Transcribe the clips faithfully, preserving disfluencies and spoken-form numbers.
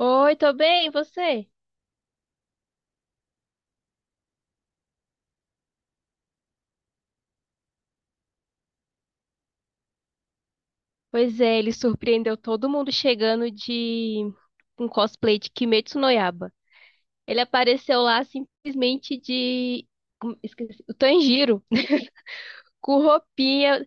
Oi, tô bem, e você? Pois é, ele surpreendeu todo mundo chegando de um cosplay de Kimetsu no Yaiba. Ele apareceu lá simplesmente de... como- Esqueci, o Tanjiro, com roupinha,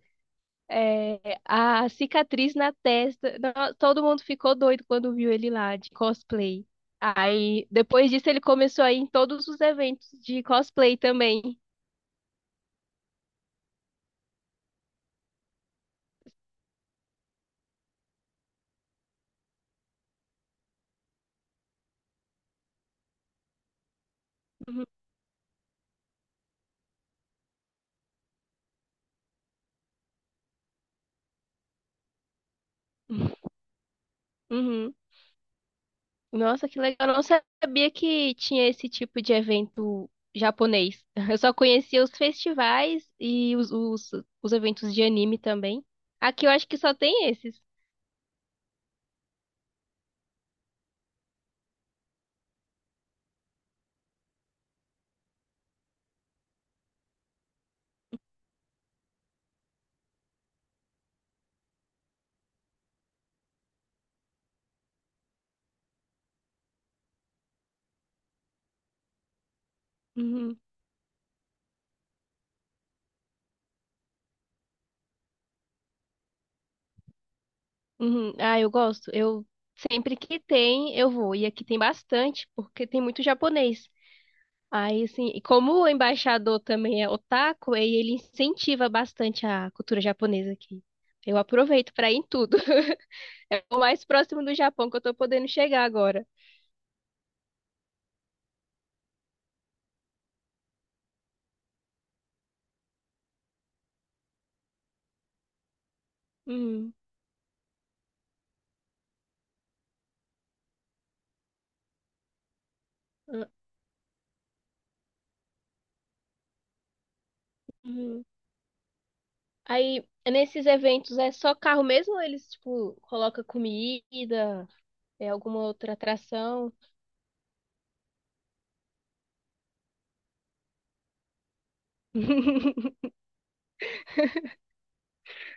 é, a cicatriz na testa. No- Todo mundo ficou doido quando viu ele lá de cosplay. Aí, depois disso, ele começou a ir em todos os eventos de cosplay também. Uhum. Uhum. Nossa, que legal. Eu não sabia que tinha esse tipo de evento japonês. Eu só conhecia os festivais e os, os, os eventos de anime também. Aqui eu acho que só tem esses. Uhum, uhum. Ah, eu gosto. Eu sempre que tem, eu vou. E aqui tem bastante, porque tem muito japonês. Aí, assim, e como o embaixador também é otaku, aí ele incentiva bastante a cultura japonesa aqui. Eu aproveito pra ir em tudo. É o mais próximo do Japão que eu tô podendo chegar agora. Uhum. Uhum. Aí, nesses eventos, é só carro mesmo ou eles, tipo, colocam comida, é alguma outra atração?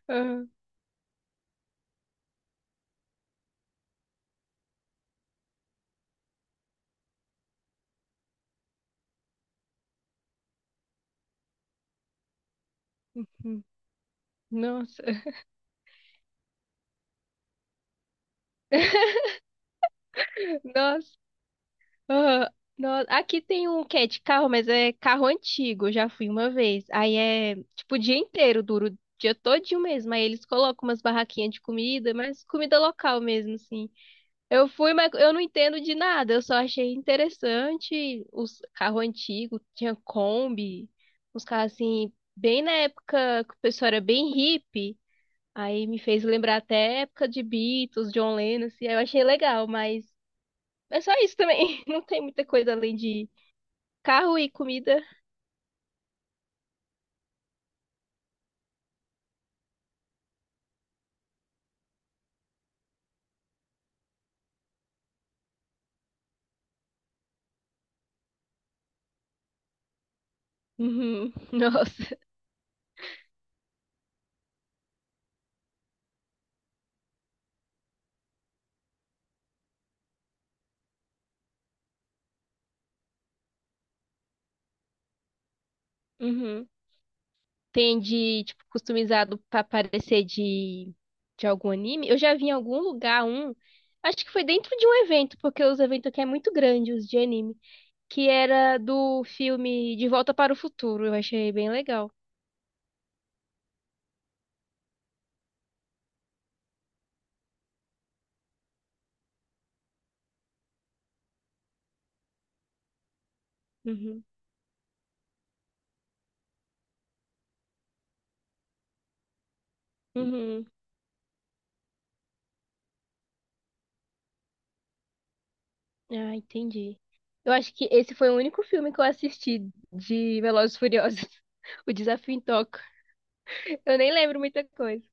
Ah, hum, nossa, nossa, ah, nossa. Aqui tem um que é de carro, mas é carro antigo, eu já fui uma vez. Aí é, tipo, o dia inteiro, duro, o dia todinho mesmo. Aí eles colocam umas barraquinhas de comida, mas comida local mesmo, assim. Eu fui, mas eu não entendo de nada. Eu só achei interessante os carros antigos, tinha Kombi, uns carros assim, bem na época que o pessoal era bem hippie. Aí me fez lembrar até a época de Beatles, John Lennon, assim, aí eu achei legal, mas é só isso também. Não tem muita coisa além de carro e comida. Uhum. Nossa. Uhum. Tem de, tipo, customizado pra parecer de, de algum anime. Eu já vi em algum lugar um, acho que foi dentro de um evento, porque os eventos aqui é muito grande, os de anime, que era do filme De Volta para o Futuro. Eu achei bem legal. Uhum. Uhum. Ah, entendi. Eu acho que esse foi o único filme que eu assisti de Velozes e Furiosos, O Desafio em Tóquio. Eu nem lembro muita coisa.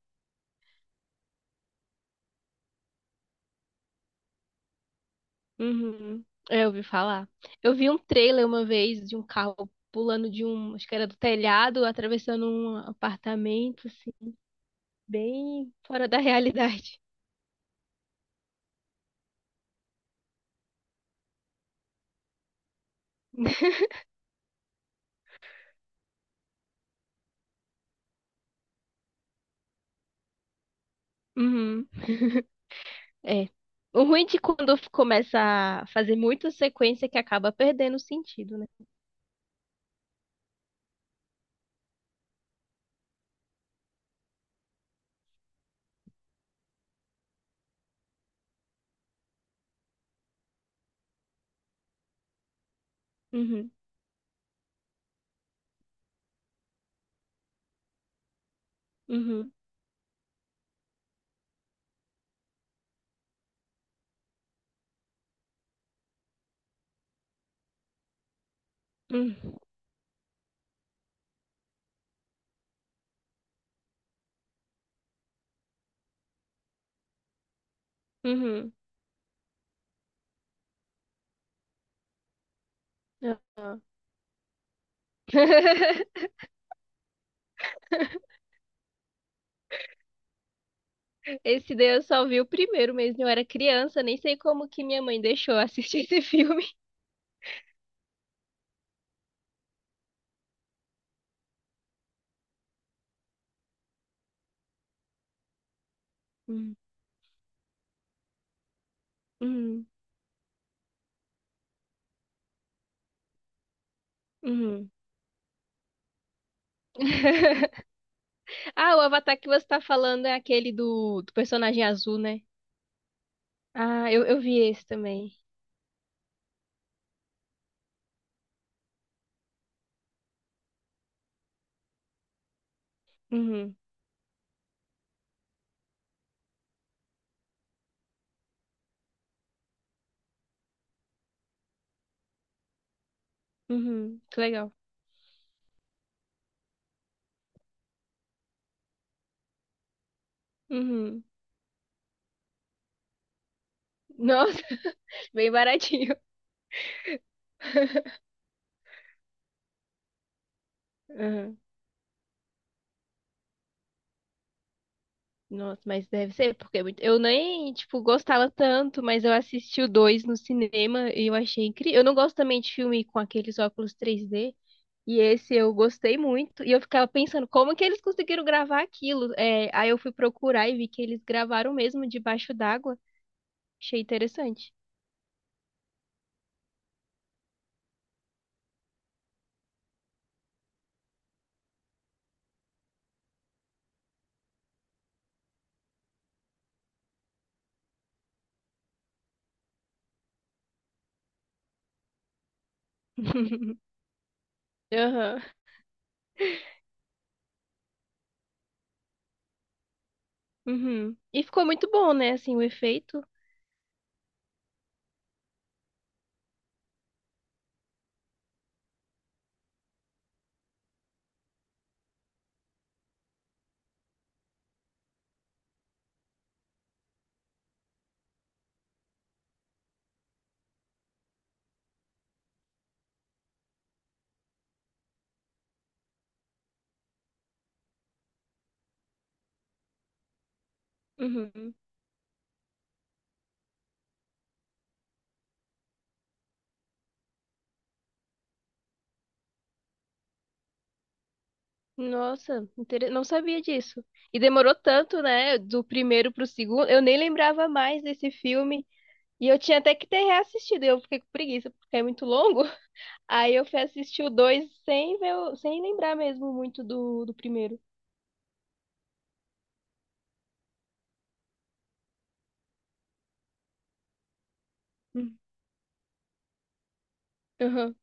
Uhum. É, eu ouvi falar. Eu vi um trailer uma vez de um carro pulando de um, acho que era do telhado, atravessando um apartamento, assim, bem fora da realidade. Uhum. É. O ruim de quando começa a fazer muita sequência é que acaba perdendo o sentido, né? Uhum. Uhum. Uhum. Uhum. Não. Esse daí eu só vi o primeiro mesmo. Eu era criança, nem sei como que minha mãe deixou eu assistir esse filme. Uhum. Uhum. Uhum. Ah, o Avatar que você tá falando é aquele do, do personagem azul, né? Ah, eu, eu vi esse também. Uhum, uhum, que legal. Uhum. Nossa, bem baratinho. Uhum. Nossa, mas deve ser, porque é muito- eu nem, tipo, gostava tanto, mas eu assisti o dois no cinema e eu achei incrível. Eu não gosto também de filme com aqueles óculos três D. E esse eu gostei muito. E eu ficava pensando, como que eles conseguiram gravar aquilo? É, aí eu fui procurar e vi que eles gravaram mesmo debaixo d'água. Achei interessante. Aham. Uhum. E ficou muito bom, né? Assim, o efeito. Uhum. Nossa, intere- não sabia disso. E demorou tanto, né? Do primeiro pro segundo. Eu nem lembrava mais desse filme. E eu tinha até que ter reassistido. Eu fiquei com preguiça, porque é muito longo. Aí eu fui assistir o dois sem ver, o- sem lembrar mesmo muito do, do primeiro. Hum. Aham.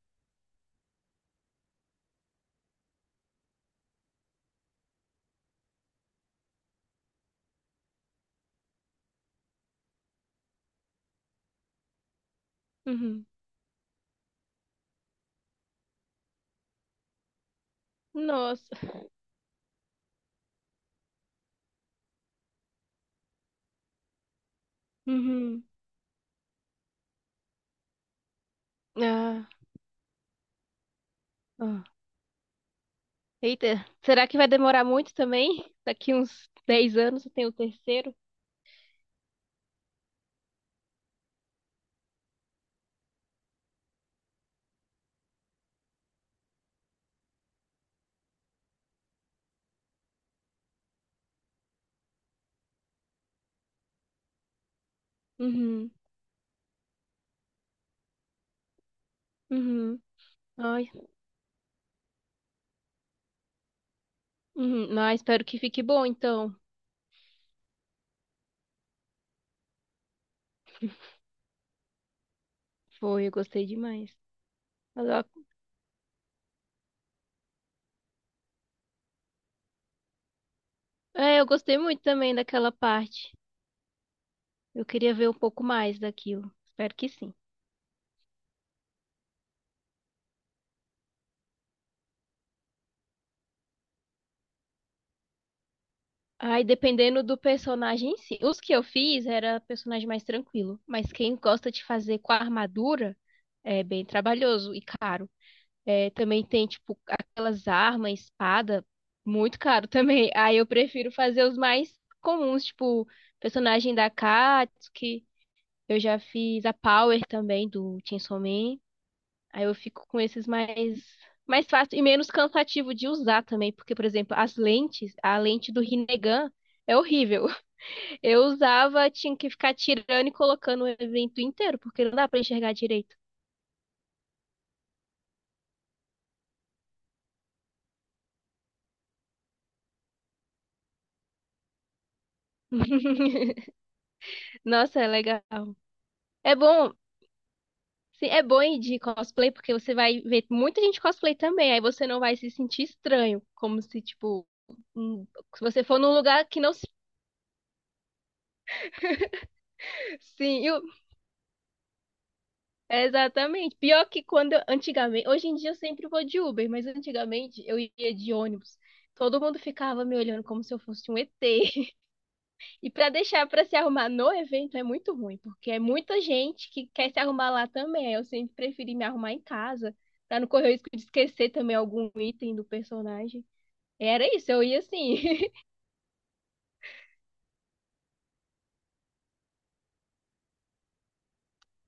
Uhum. Nossa. Uhum. Ah, ah. Eita, será que vai demorar muito também? Daqui uns dez anos eu tenho o terceiro? Uhum. Uhum. Ai. Uhum. Mas espero que fique bom, então. Foi, eu gostei demais. Mas, ó, é, eu gostei muito também daquela parte. Eu queria ver um pouco mais daquilo. Espero que sim. Ai, dependendo do personagem em si. Os que eu fiz era personagem mais tranquilo, mas quem gosta de fazer com a armadura é bem trabalhoso e caro. É, também tem, tipo, aquelas armas, espada, muito caro também. Aí eu prefiro fazer os mais comuns, tipo, personagem da Katsuki, eu já fiz a Power também do Chainsaw Man. Aí eu fico com esses mais mais fácil e menos cansativo de usar também, porque, por exemplo, as lentes, a lente do Rinnegan é horrível. Eu usava, tinha que ficar tirando e colocando o evento inteiro, porque não dá pra enxergar direito. Nossa, é legal. É bom, sim, é bom ir de cosplay, porque você vai ver muita gente cosplay também, aí você não vai se sentir estranho, como se, tipo, hum, se você for num lugar que não se... Sim, eu- é exatamente. Pior que quando, eu- antigamente, hoje em dia eu sempre vou de Uber, mas antigamente eu ia de ônibus. Todo mundo ficava me olhando como se eu fosse um E T. E para deixar para se arrumar no evento é muito ruim, porque é muita gente que quer se arrumar lá também. Eu sempre preferi me arrumar em casa, para não correr o risco de esquecer também algum item do personagem. Era isso, eu ia assim,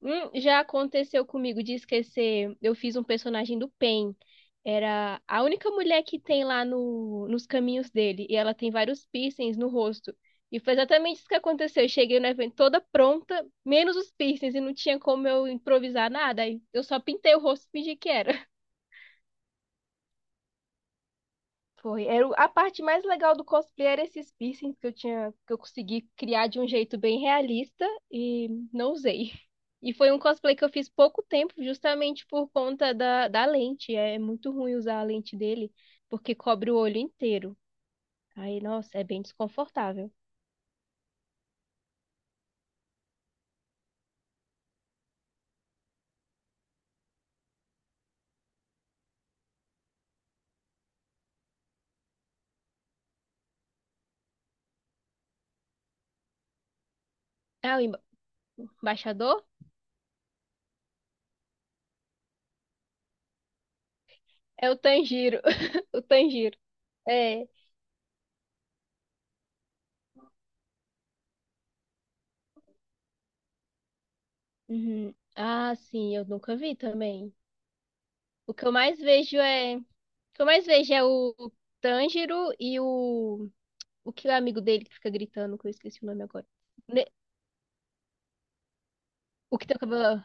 hum, já aconteceu comigo de esquecer. Eu fiz um personagem do Pen. Era a única mulher que tem lá no, nos caminhos dele. E ela tem vários piercings no rosto. E foi exatamente isso que aconteceu. Eu cheguei no evento toda pronta, menos os piercings. E não tinha como eu improvisar nada. Aí eu só pintei o rosto e fingi que era. Foi. Era o- a parte mais legal do cosplay era esses piercings que eu tinha, que eu consegui criar de um jeito bem realista e não usei. E foi um cosplay que eu fiz pouco tempo, justamente por conta da, da lente. É muito ruim usar a lente dele, porque cobre o olho inteiro. Aí, nossa, é bem desconfortável. Ah, o emba- embaixador? É o Tanjiro. O Tanjiro. É. Uhum. Ah, sim, eu nunca vi também. O que eu mais vejo é. O que eu mais vejo é o o Tanjiro e o. O que é o amigo dele que fica gritando, que eu esqueci o nome agora. Ne- O que tem o cabelo.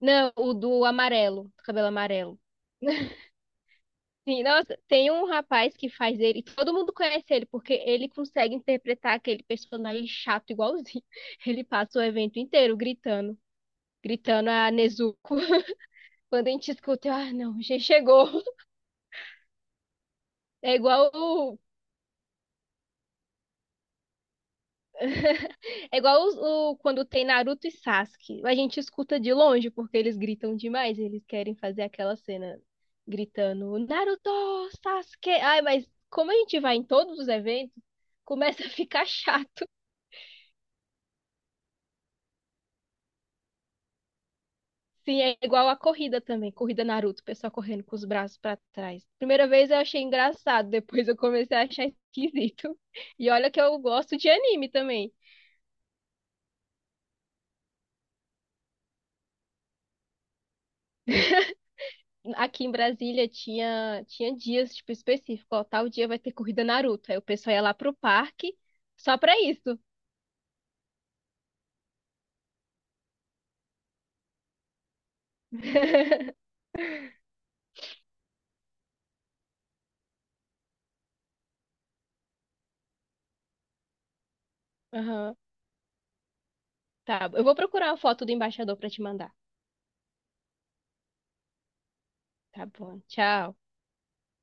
Não, o do amarelo. Do cabelo amarelo. Sim, nossa, tem um rapaz que faz ele. Todo mundo conhece ele, porque ele consegue interpretar aquele personagem chato igualzinho. Ele passa o evento inteiro gritando. Gritando a Nezuko. Quando a gente escuta, ah, não, já chegou. É igual É igual os- o, quando tem Naruto e Sasuke. A gente escuta de longe porque eles gritam demais. Eles querem fazer aquela cena gritando Naruto, Sasuke. Ai, mas como a gente vai em todos os eventos, começa a ficar chato. Sim, é igual a corrida também. Corrida Naruto, o pessoal correndo com os braços pra trás. Primeira vez eu achei engraçado, depois eu comecei a achar esquisito. E olha que eu gosto de anime também. Aqui em Brasília tinha, tinha dias, tipo, específicos. Ó, tal dia vai ter corrida Naruto. Aí o pessoal ia lá pro parque só pra isso. Aham. Tá, eu vou procurar a foto do embaixador pra te mandar. Tá bom, tchau.